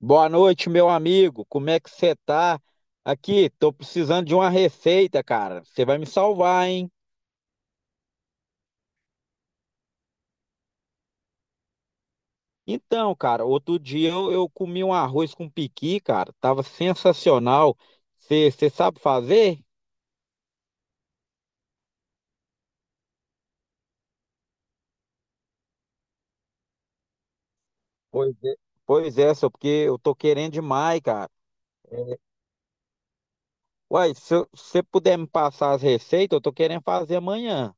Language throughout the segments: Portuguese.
Boa noite, meu amigo. Como é que você tá? Aqui, tô precisando de uma receita, cara. Você vai me salvar, hein? Então, cara, outro dia eu comi um arroz com piqui, cara. Tava sensacional. Você sabe fazer? Pois é. Pois é, só porque eu tô querendo demais, cara. Uai, se você puder me passar as receitas, eu tô querendo fazer amanhã.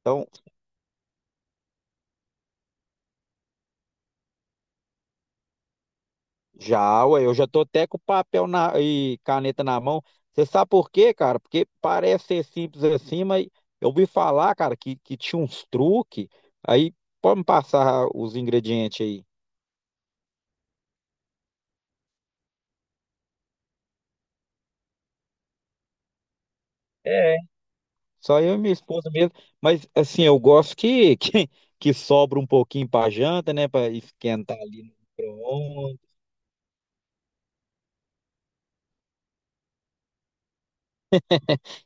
Então, já, ué, eu já tô até com e caneta na mão. Você sabe por quê, cara? Porque parece ser simples assim, mas eu ouvi falar, cara, que tinha uns truques. Aí pode me passar os ingredientes aí. É, só eu e minha esposa mesmo. Mas assim, eu gosto que, que, que sobra um pouquinho pra janta, né? Pra esquentar ali no micro-ondas.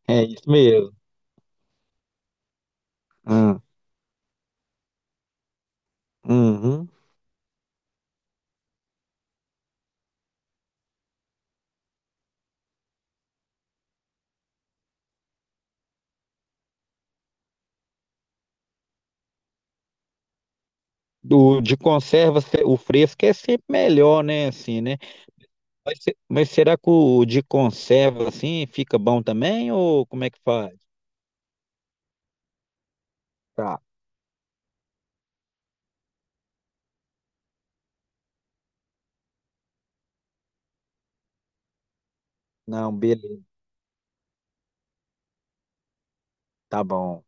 É isso mesmo. Ah, uhum. Do, de conserva, o fresco é sempre melhor, né? Assim, né? Mas, mas será que o de conserva assim fica bom também? Ou como é que faz? Tá. Não, beleza. Tá bom.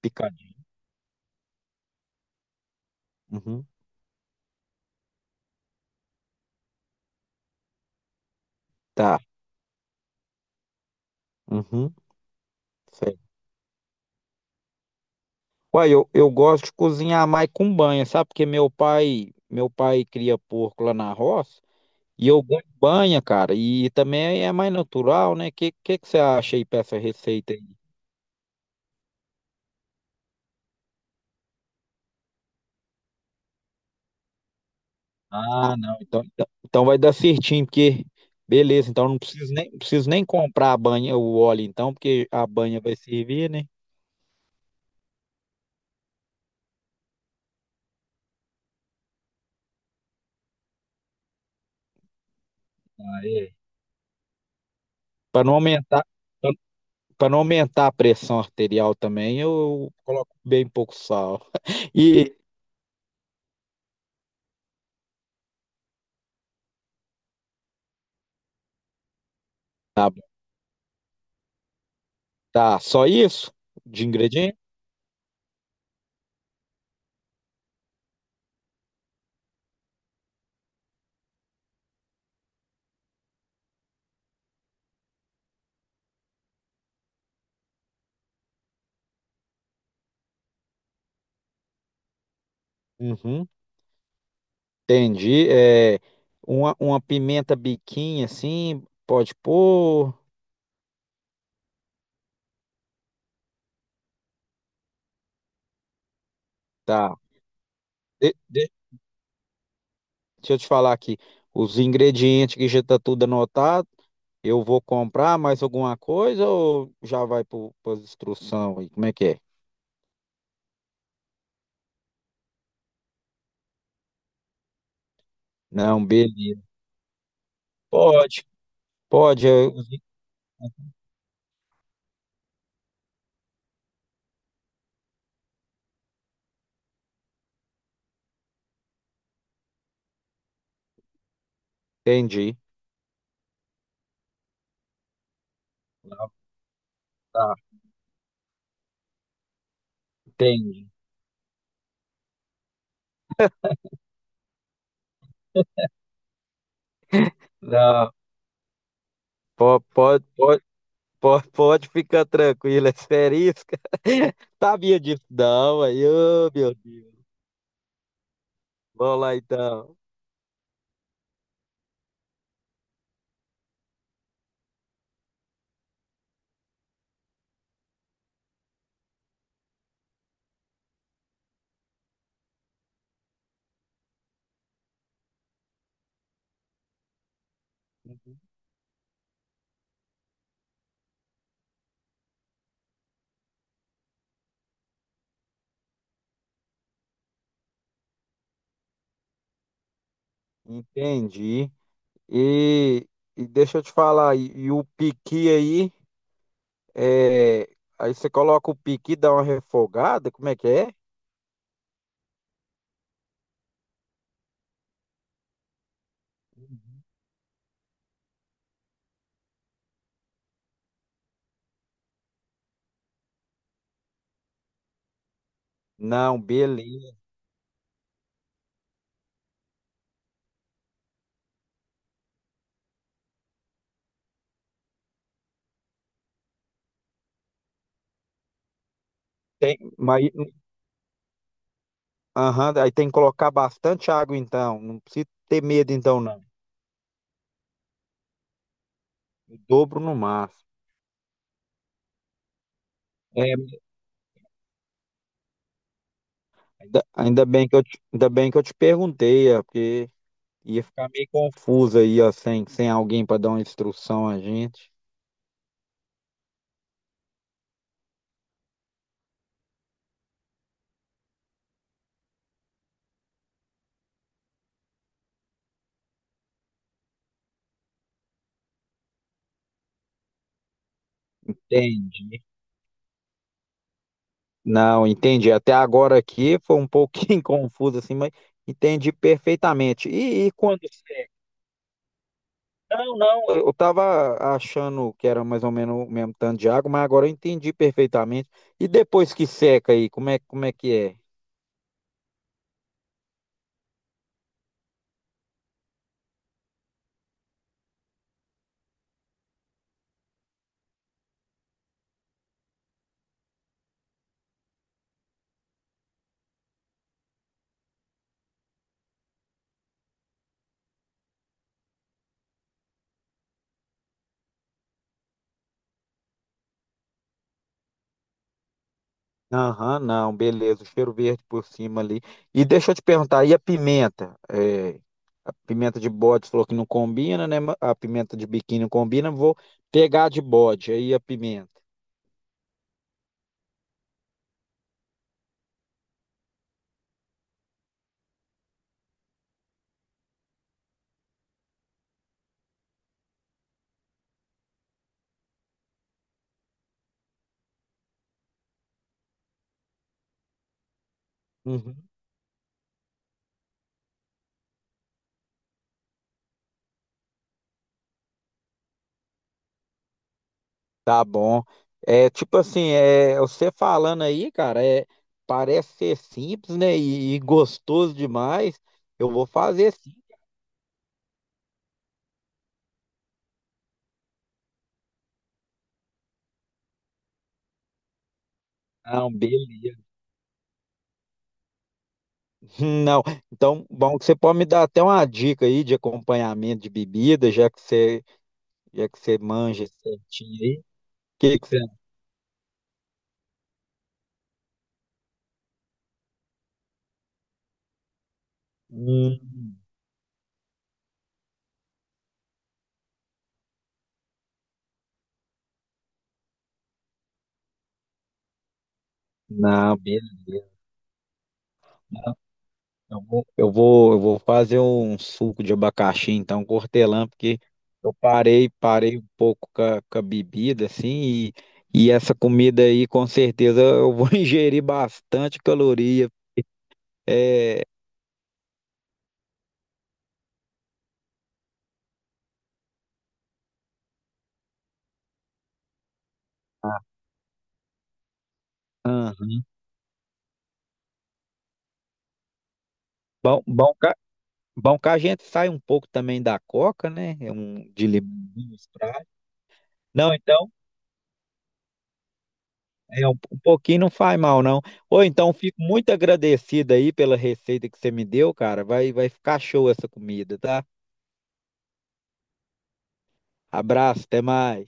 Picadinho. Uhum. Tá. Uhum. Sei. Uai, eu gosto de cozinhar mais com banha, sabe? Porque meu pai cria porco lá na roça e eu gosto de banha, cara. E também é mais natural, né? Que você acha aí pra essa receita aí? Ah, não. Então, então vai dar certinho, porque beleza, então não preciso nem, não preciso nem comprar a banha, o óleo então, porque a banha vai servir, né? Ah, é. Para não aumentar, para não aumentar a pressão arterial também, eu coloco bem pouco sal. E tá, bom. Tá, só isso de ingrediente? Uhum, entendi. É, uma pimenta biquinha assim, pode pôr. Tá. De- de- deixa eu te falar aqui. Os ingredientes que já tá tudo anotado. Eu vou comprar mais alguma coisa ou já vai para as instruções aí? Como é que é? Não, beleza. Pode, pode, eu entendi. Não, tá, entendi. Não, pode, pode, pode, pode ficar tranquilo, é asterisca. Sabia disso, não, aí, ô, meu Deus. Vamos lá então. Entendi. E, e deixa eu te falar, e o piqui aí, é, aí você coloca o piqui, dá uma refogada, como é que é? Não, beleza. Tem, mas, aham, aí tem que colocar bastante água então. Não precisa ter medo então, não. O dobro no máximo. É, ainda, ainda bem que eu te, ainda bem que eu te perguntei, é, porque ia ficar meio confuso aí, ó, sem, sem alguém para dar uma instrução a gente. Entendi. Não, entendi. Até agora aqui foi um pouquinho confuso assim, mas entendi perfeitamente. E quando não, não, eu estava achando que era mais ou menos o mesmo tanto de água, mas agora eu entendi perfeitamente. E depois que seca aí, como é que é? Aham, não, beleza, o cheiro verde por cima ali. E deixa eu te perguntar, e a pimenta? É, a pimenta de bode falou que não combina, né? Mas a pimenta de biquíni não combina, vou pegar a de bode aí a pimenta. Uhum. Tá bom. É tipo assim, é, você falando aí, cara, é, parece ser simples, né? E gostoso demais. Eu vou fazer sim. Não, beleza. Não. Então, bom que você pode me dar até uma dica aí de acompanhamento de bebida, já que você manja certinho aí. O que que você. Hum, não, beleza. Eu vou fazer um suco de abacaxi, então, com hortelã, porque eu parei, parei um pouco com a bebida, assim, e essa comida aí, com certeza, eu vou ingerir bastante caloria. É, aham. Bom, bom que a gente sai um pouco também da coca, né? É um de limãozinho, Sprite. Não, então, é um, um pouquinho não faz mal, não. Ou então, fico muito agradecido aí pela receita que você me deu, cara. Vai, vai ficar show essa comida, tá? Abraço, até mais.